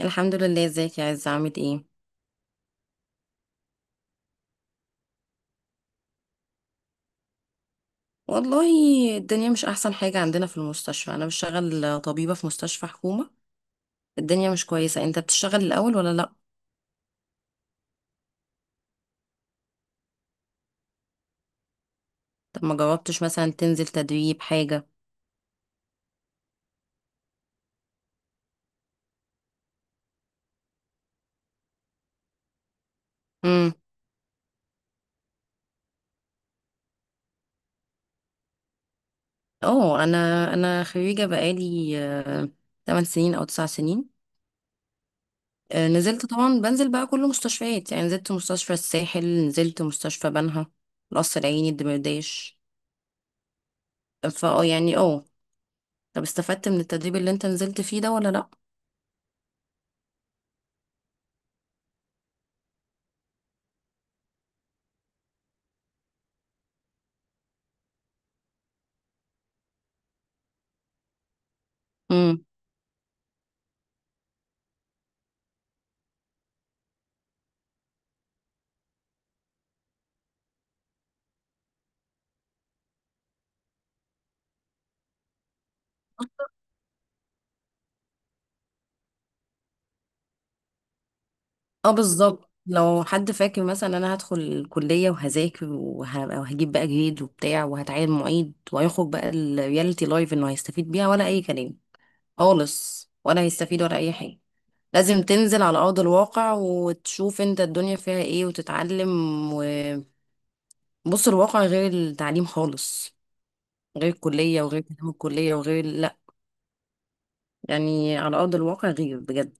الحمد لله. ازيك يا عز؟ عامل ايه؟ والله، الدنيا مش احسن حاجة عندنا في المستشفى، انا بشتغل طبيبة في مستشفى حكومة. الدنيا مش كويسة. انت بتشتغل الاول ولا لا؟ طب ما جربتش مثلا تنزل تدريب حاجة؟ امم. اه، انا خريجة بقالي، 8 سنين او 9 سنين. نزلت طبعا، بنزل بقى كل مستشفيات، يعني نزلت مستشفى الساحل، نزلت مستشفى بنها، القصر العيني، الدمرداش. فاه يعني اه طب، استفدت من التدريب اللي انت نزلت فيه ده ولا لا؟ اه، بالظبط. لو حد فاكر مثلا انا هدخل الكليه وهذاكر وهجيب بقى جريد وبتاع وهتعين معيد، وهيخرج بقى الرياليتي لايف انه هيستفيد بيها ولا اي كلام خالص، ولا هيستفيد ولا اي حاجه. لازم تنزل على ارض الواقع وتشوف انت الدنيا فيها ايه وتتعلم. وبص، الواقع غير التعليم خالص، غير الكليه وغير كلام الكليه وغير، لا، يعني على ارض الواقع غير بجد.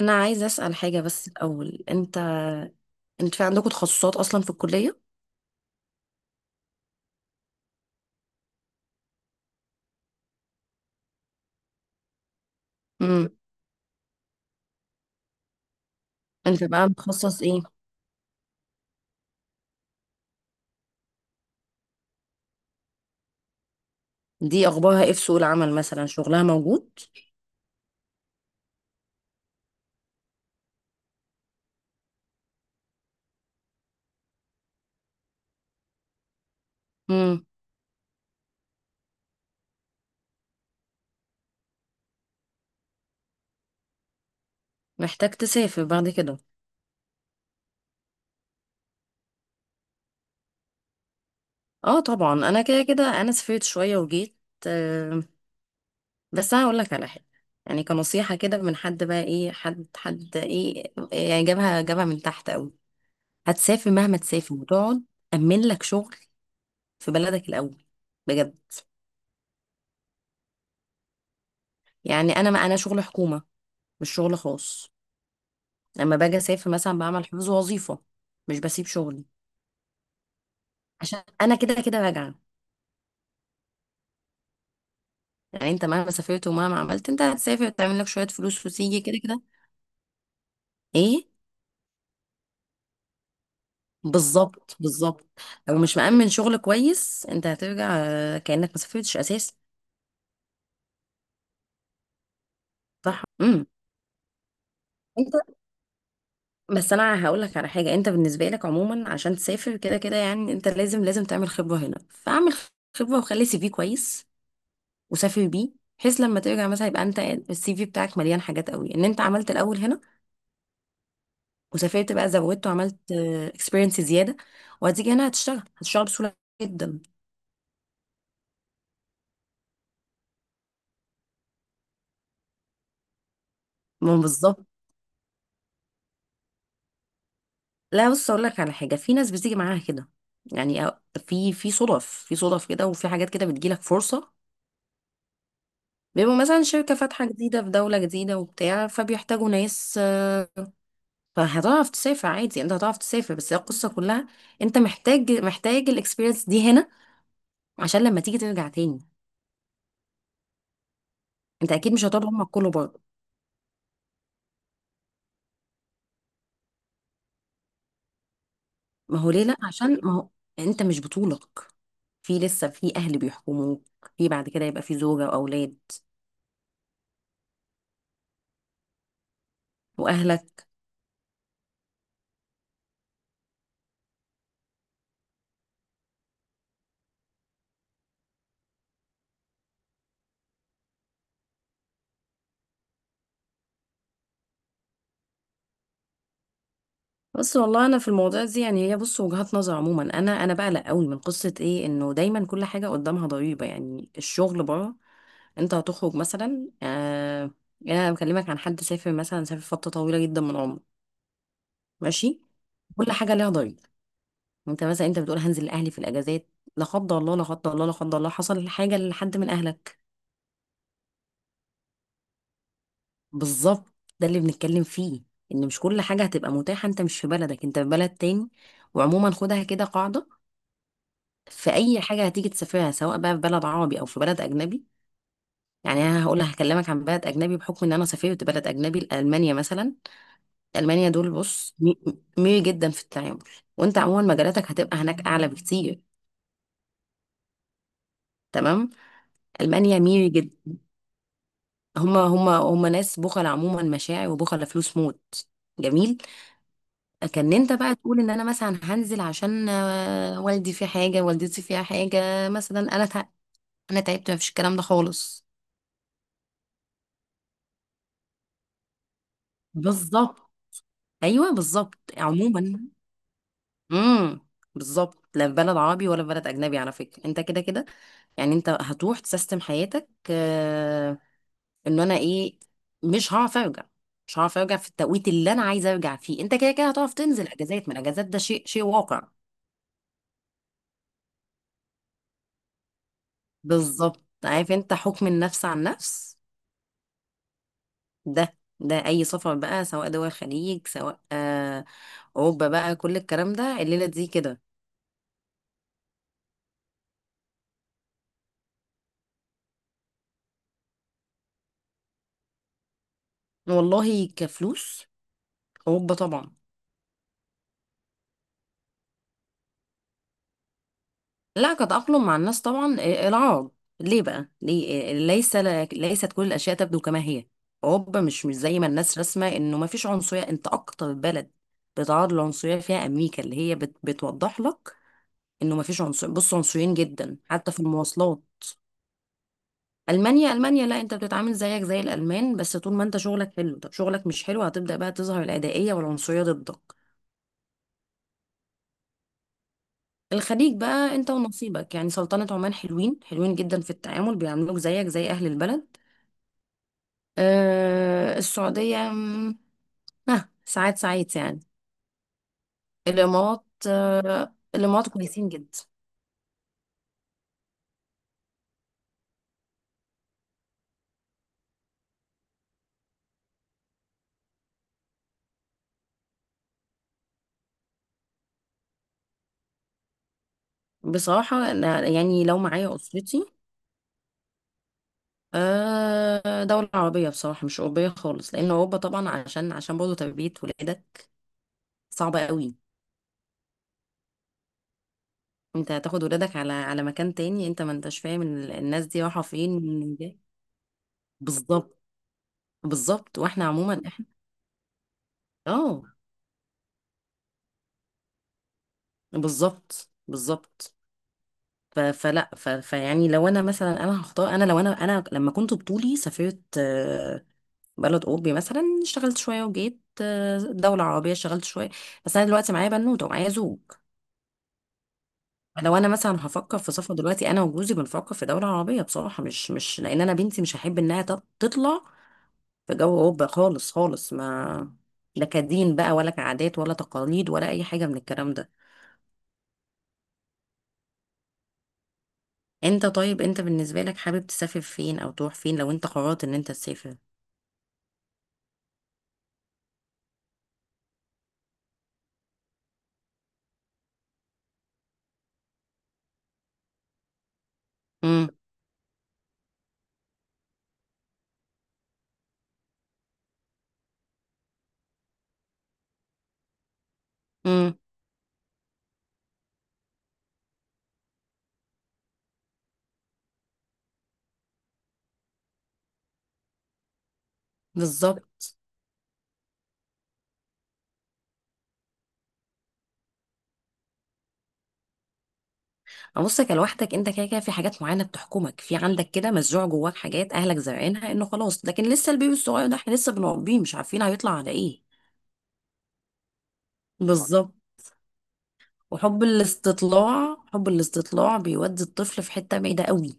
انا عايزه اسال حاجه بس الاول انت. في عندكم تخصصات اصلا في الكليه؟ انت بقى متخصص ايه؟ دي اخبارها ايه في سوق العمل، مثلا شغلها موجود؟ امم. محتاج تسافر بعد كده؟ اه طبعا، انا كده كده انا سافرت شويه وجيت. آه بس انا هقول لك على حاجه، يعني كنصيحه كده من حد، بقى ايه، حد ايه، يعني جابها جابها من تحت قوي. هتسافر مهما تسافر وتقعد، امن لك شغل في بلدك الاول، بجد. يعني انا، ما انا شغل حكومه مش شغل خاص، لما باجي اسافر مثلا بعمل حفظ وظيفه، مش بسيب شغلي عشان انا كده كده راجعه. يعني انت مهما سافرت ومهما عملت، انت هتسافر تعمل لك شوية فلوس وتيجي كده كده. ايه. بالظبط، بالظبط. لو مش مأمن شغل كويس انت هترجع، كأنك ما سافرتش اساسا. صح. امم. انت. بس انا هقول لك على حاجة، انت بالنسبة لك عموما عشان تسافر كده كده يعني انت لازم تعمل خبرة هنا، فاعمل خبرة وخلي سي في كويس وسافر بيه، بحيث لما ترجع مثلا يبقى انت السي في بتاعك مليان حاجات قوي، ان انت عملت الاول هنا وسافرت بقى، زودت وعملت اكسبيرينس زياده، وهتيجي هنا هتشتغل بسهوله جدا. ما بالظبط. لا، بص اقول لك على حاجه، في ناس بتيجي معاها كده، يعني. في صدف، في صدف كده، وفي حاجات كده بتجيلك فرصه، بيبقوا مثلا شركه فاتحه جديده في دوله جديده وبتاع، فبيحتاجوا ناس فهتعرف تسافر عادي، انت هتعرف تسافر، بس هي القصه كلها انت محتاج الاكسبيرينس دي هنا عشان لما تيجي ترجع تاني. انت اكيد مش هتقعد عمرك كله. ما هو ليه لا؟ عشان ما هو انت مش بطولك، في لسه، في اهل بيحكموك، في بعد كده يبقى في زوجة واولاد واهلك. بس والله، انا في الموضوع دي يعني، هي بص وجهات نظر عموما، انا بقلق قوي من قصة ايه، انه دايما كل حاجة قدامها ضريبة، يعني الشغل بره. انت هتخرج مثلا يعني انا بكلمك عن حد سافر، مثلا سافر فترة طويلة جدا من عمره. ماشي. كل حاجة ليها ضريبة. انت مثلا، انت بتقول هنزل لاهلي في الاجازات، لا قدر الله، لا قدر الله، لا قدر الله، حصل حاجة لحد من اهلك. بالظبط، ده اللي بنتكلم فيه، ان مش كل حاجة هتبقى متاحة، انت مش في بلدك، انت في بلد تاني. وعموما خدها كده قاعدة، في اي حاجة هتيجي تسافرها، سواء بقى في بلد عربي او في بلد اجنبي. يعني انا هقول هكلمك عن بلد اجنبي، بحكم ان انا سافرت بلد اجنبي، المانيا مثلا. المانيا دول بص، ميري جدا في التعامل، وانت عموما مجالاتك هتبقى هناك اعلى بكتير. تمام. المانيا ميري جدا، هما ناس بخل عموما، مشاعر، وبخل فلوس موت. جميل. كان انت بقى تقول ان انا مثلا هنزل عشان والدي في حاجه، والدتي فيها حاجه مثلا، انا انا تعبت، مفيش الكلام ده خالص. بالظبط، ايوه بالظبط عموما. امم. بالظبط، لا في بلد عربي ولا في بلد اجنبي، على فكره انت كده كده، يعني انت هتروح تسيستم حياتك ان انا ايه، مش هعرف ارجع، مش هعرف ارجع في التوقيت اللي انا عايزه ارجع فيه، انت كده كده هتقف تنزل اجازات من الاجازات، ده شيء واقع. بالظبط، عارف انت، حكم النفس عن نفس، ده اي سفر بقى، سواء دول الخليج، سواء اوروبا بقى، كل الكلام ده الليله دي كده. والله كفلوس، اوروبا طبعا. لا، كتأقلم مع الناس طبعا، العرب. ليه بقى، ليه؟ ليس، ليست كل الاشياء تبدو كما هي. اوروبا مش زي ما الناس رسمه، انه ما فيش عنصريه، انت اكتر بلد بتعرض للعنصريه فيها امريكا، اللي هي بتوضح لك انه ما فيش عنصر، بص عنصريين جدا حتى في المواصلات. المانيا، لا انت بتتعامل زيك زي الالمان، بس طول ما انت شغلك حلو، طب شغلك مش حلو هتبدا بقى تظهر العدائيه والعنصريه ضدك. الخليج بقى انت ونصيبك، يعني سلطنه عمان، حلوين حلوين جدا في التعامل، بيعاملوك زيك زي اهل البلد. السعوديه، ها، ساعات ساعات يعني. الامارات، الامارات كويسين جدا. بصراحه أنا، يعني لو معايا اسرتي، دولة عربية بصراحة، مش أوروبية خالص، لأن أوروبا طبعا، عشان برضه تربية ولادك صعبة قوي. انت هتاخد ولادك على مكان تاني، انت ما انتش فاهم الناس دي رايحه فين ومنين جاية. بالظبط، بالظبط، واحنا عموما احنا. اه بالظبط، بالظبط، فيعني لو انا مثلا انا هختار، انا لو انا لما كنت بطولي سافرت، بلد اوروبي مثلا اشتغلت شويه وجيت، دولة عربية اشتغلت شوية. بس أنا دلوقتي معايا بنوتة ومعايا زوج، لو أنا مثلا هفكر في سفر دلوقتي، أنا وجوزي بنفكر في دولة عربية بصراحة، مش لأن أنا بنتي مش هحب إنها تطلع في جو اوروبا، خالص خالص، ما، لا كدين بقى، ولا كعادات ولا تقاليد ولا اي حاجه من الكلام ده. انت، طيب، انت بالنسبه لك حابب تسافر فين او تروح فين لو انت قررت ان انت تسافر؟ امم، امم، بالظبط. بصك لوحدك انت كده كده، في حاجات معينه بتحكمك، في عندك كده مزروع جواك حاجات اهلك زارعينها، انه خلاص، لكن لسه البيبي الصغير ده احنا لسه بنربيه، مش عارفين هيطلع على ايه. بالظبط، وحب الاستطلاع، حب الاستطلاع بيودي الطفل في حته بعيده قوي.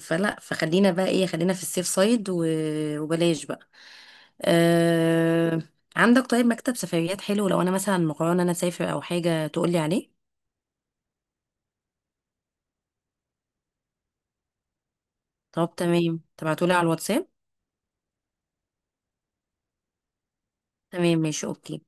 فلا، فخلينا بقى ايه، خلينا في السيف سايد وبلاش بقى، أه... عندك طيب مكتب سفريات حلو لو انا مثلا مقررة ان انا اسافر او حاجة تقولي عليه؟ طب تمام، تبعتولي على الواتساب. تمام، ماشي، اوكي.